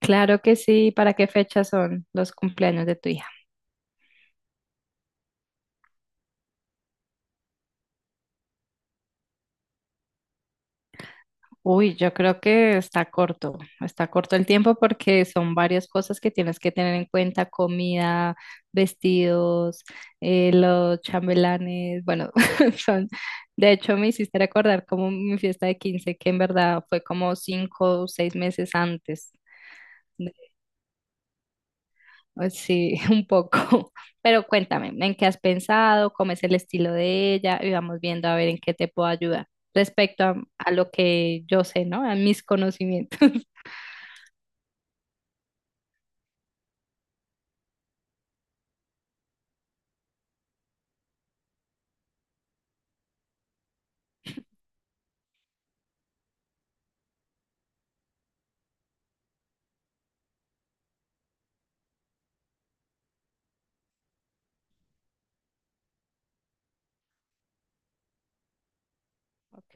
Claro que sí. ¿Para qué fecha son los cumpleaños de tu hija? Uy, yo creo que está corto el tiempo porque son varias cosas que tienes que tener en cuenta: comida, vestidos, los chambelanes. Bueno, son, de hecho me hiciste recordar como mi fiesta de quince, que en verdad fue como 5 o 6 meses antes. Pues sí, un poco. Pero cuéntame, ¿en qué has pensado? ¿Cómo es el estilo de ella? Y vamos viendo a ver en qué te puedo ayudar respecto a lo que yo sé, ¿no? A mis conocimientos. Ok.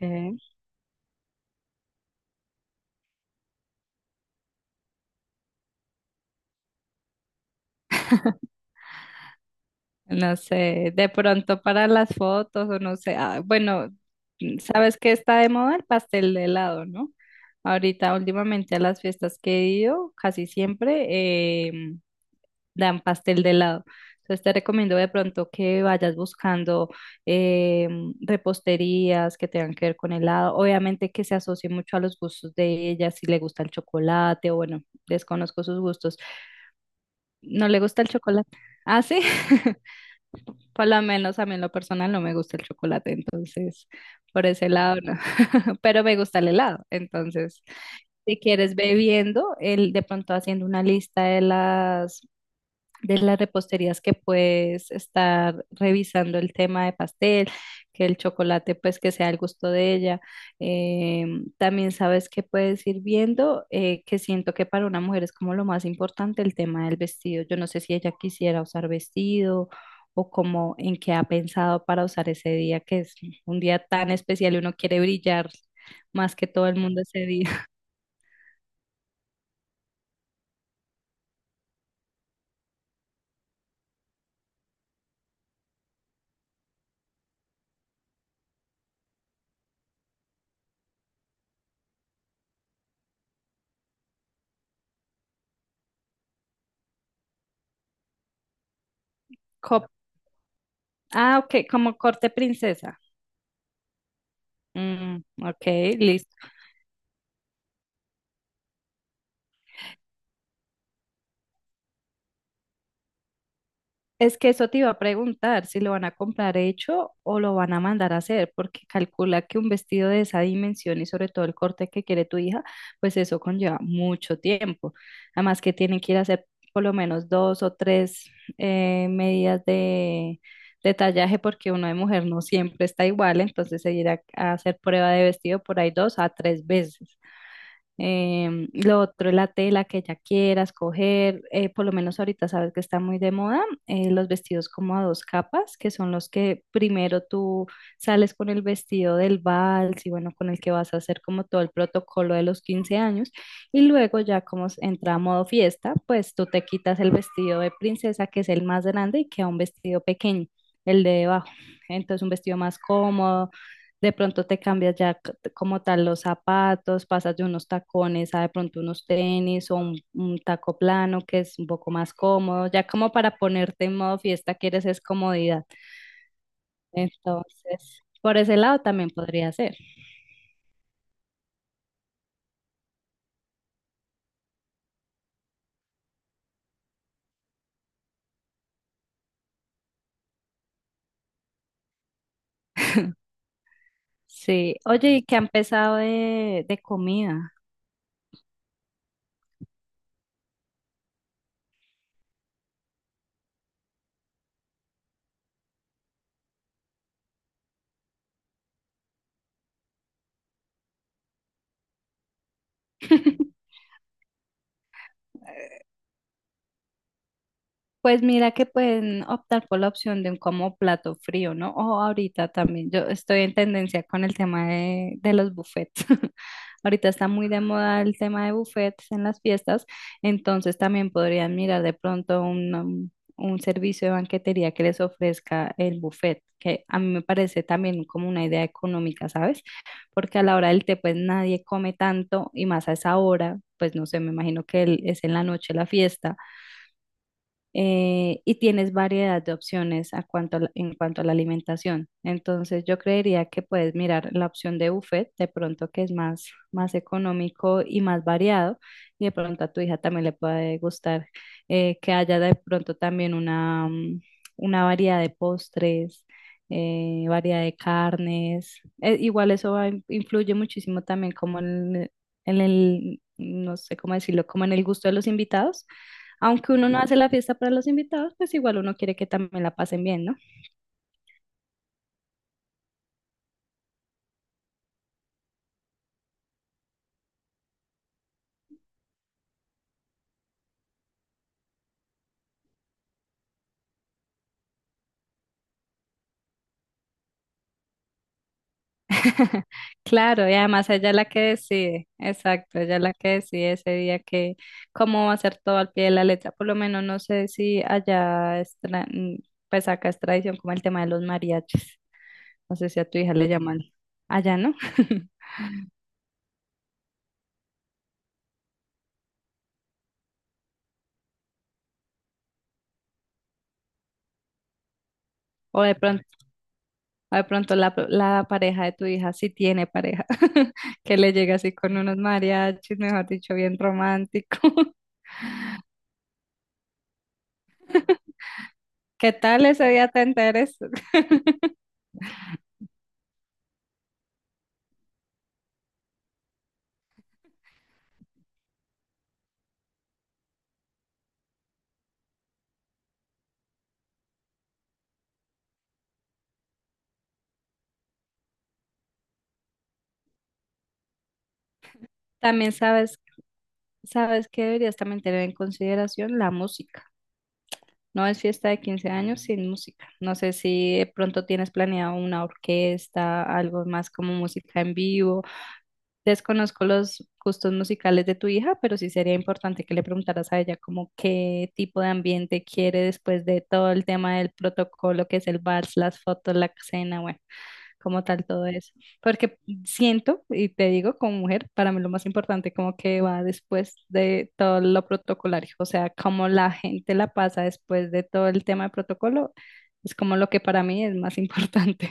No sé, de pronto para las fotos o no sé. Ah, bueno, sabes que está de moda el pastel de helado, ¿no? Ahorita últimamente a las fiestas que he ido, casi siempre, em, dan pastel de helado. Entonces te recomiendo de pronto que vayas buscando eh, reposterías que tengan que ver con helado. Obviamente que se asocie mucho a los gustos de ella, si le gusta el chocolate o bueno, desconozco sus gustos. ¿No le gusta el chocolate? Ah, sí. Por lo menos a mí en lo personal no me gusta el chocolate, entonces por ese lado no. Pero me gusta el helado, entonces si quieres bebiendo, el, de pronto haciendo una lista de las reposterías que puedes estar revisando el tema de pastel, que el chocolate pues que sea al gusto de ella. Eh, También sabes que puedes ir viendo, que siento que para una mujer es como lo más importante el tema del vestido. Yo no sé si ella quisiera usar vestido o como en qué ha pensado para usar ese día, que es un día tan especial y uno quiere brillar más que todo el mundo ese día. Co- ah, ok, como corte princesa. Mm, ok, listo. Es que eso te iba a preguntar, si lo van a comprar hecho o lo van a mandar a hacer, porque calcula que un vestido de esa dimensión y sobre todo el corte que quiere tu hija, pues eso conlleva mucho tiempo. Además que tienen que ir a hacer por lo menos 2 o 3 medidas de tallaje, porque uno de mujer no siempre está igual, entonces se irá a hacer prueba de vestido por ahí 2 a 3 veces. Lo otro es la tela que ella quiera escoger, por lo menos ahorita sabes que está muy de moda, los vestidos como a dos capas, que son los que primero tú sales con el vestido del vals y bueno, con el que vas a hacer como todo el protocolo de los 15 años, y luego ya como entra a modo fiesta, pues tú te quitas el vestido de princesa, que es el más grande, y queda un vestido pequeño, el de debajo, entonces un vestido más cómodo. De pronto te cambias ya como tal los zapatos, pasas de unos tacones a de pronto unos tenis o un taco plano que es un poco más cómodo, ya como para ponerte en modo fiesta quieres es comodidad. Entonces, por ese lado también podría ser. Sí. Oye, ¿y qué han pensado de, comida? Pues mira que pueden optar por la opción de un como plato frío, ¿no? O ahorita también, yo estoy en tendencia con el tema de los buffets. Ahorita está muy de moda el tema de buffets en las fiestas, entonces también podrían mirar de pronto un servicio de banquetería que les ofrezca el buffet, que a mí me parece también como una idea económica, ¿sabes? Porque a la hora del té pues nadie come tanto y más a esa hora, pues no sé, me imagino que es en la noche la fiesta. Y tienes variedad de opciones a cuanto a la- en cuanto a la alimentación. Entonces, yo creería que puedes mirar la opción de buffet, de pronto que es más, más económico y más variado, y de pronto a tu hija también le puede gustar que haya de pronto también una variedad de postres, variedad de carnes. Igual eso influye muchísimo también como en el, no sé cómo decirlo, como en el gusto de los invitados, aunque uno no hace la fiesta para los invitados, pues igual uno quiere que también la pasen bien, ¿no? Claro, y además ella es la que decide, exacto, ella es la que decide ese día que cómo va a ser todo al pie de la letra. Por lo menos no sé si allá, es pues acá es tradición como el tema de los mariachis. No sé si a tu hija le llaman allá, ¿no? O de pronto, o de pronto la pareja de tu hija, si tiene pareja, que le llega así con unos mariachis, mejor dicho, bien romántico. ¿Qué tal ese día te enteres? También sabes que deberías también tener en consideración la música. No es fiesta de 15 años sin música. No sé si de pronto tienes planeado una orquesta, algo más como música en vivo. Desconozco los gustos musicales de tu hija, pero sí sería importante que le preguntaras a ella como qué tipo de ambiente quiere después de todo el tema del protocolo que es el vals, las fotos, la cena, bueno, como tal todo eso. Porque siento, y te digo, como mujer, para mí lo más importante como que va después de todo lo protocolario, o sea, como la gente la pasa después de todo el tema de protocolo, es como lo que para mí es más importante.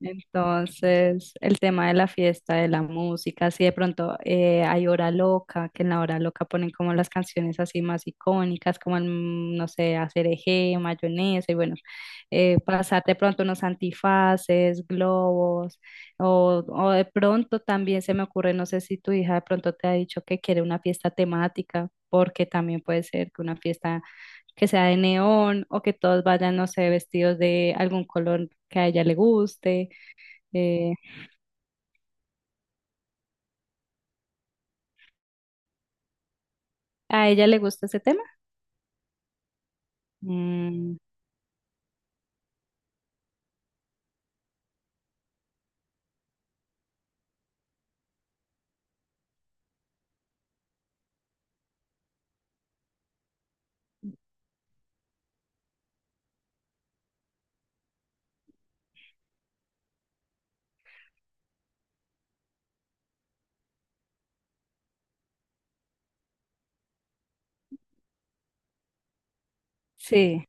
Entonces, el tema de la fiesta, de la música, si de pronto hay hora loca, que en la hora loca ponen como las canciones así más icónicas, como no sé, hacer eje, mayonesa, y bueno, pasar de pronto unos antifaces, globos, o de pronto también se me ocurre, no sé si tu hija de pronto te ha dicho que quiere una fiesta temática, porque también puede ser que una fiesta que sea de neón o que todos vayan, no sé, vestidos de algún color que a ella le guste. eh, ¿A ella le gusta ese tema? Mm, sí,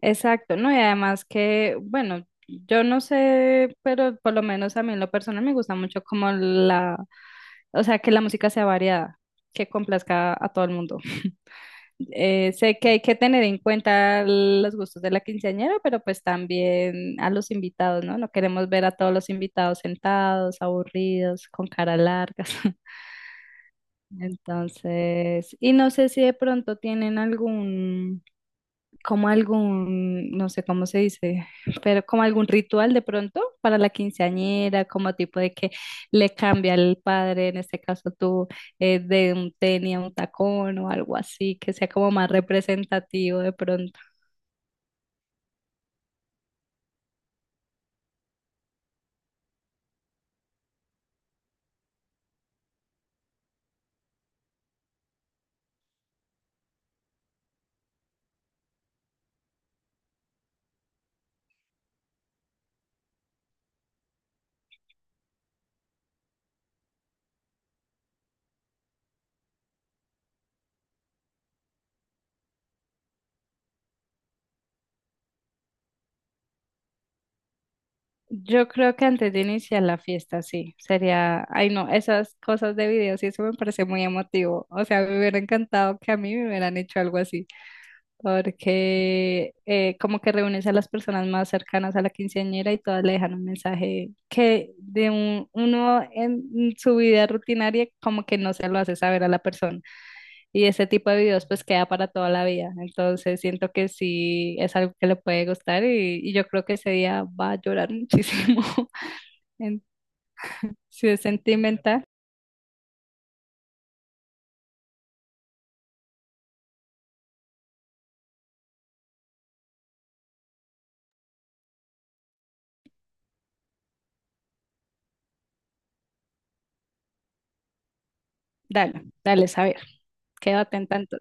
exacto, ¿no? Y además que, bueno, yo no sé, pero por lo menos a mí en lo personal me gusta mucho como o sea, que la música sea variada, que complazca a todo el mundo. Sé que hay que tener en cuenta los gustos de la quinceañera, pero pues también a los invitados, ¿no? No queremos ver a todos los invitados sentados, aburridos, con cara largas. Entonces, y no sé si de pronto tienen algún, como algún, no sé cómo se dice, pero como algún ritual de pronto para la quinceañera, como tipo de que le cambia el padre, en este caso tú, de un tenis a un tacón o algo así, que sea como más representativo de pronto. Yo creo que antes de iniciar la fiesta, sí, sería, ay no, esas cosas de videos y eso me parece muy emotivo. O sea, me hubiera encantado que a mí me hubieran hecho algo así. Porque como que reúnes a las personas más cercanas a la quinceañera y todas le dejan un mensaje que de uno en su vida rutinaria como que no se lo hace saber a la persona. Y ese tipo de videos pues queda para toda la vida. Entonces siento que sí es algo que le puede gustar y, yo creo que ese día va a llorar muchísimo. En- Si es sentimental, dale, dale, saber. Quédate atenta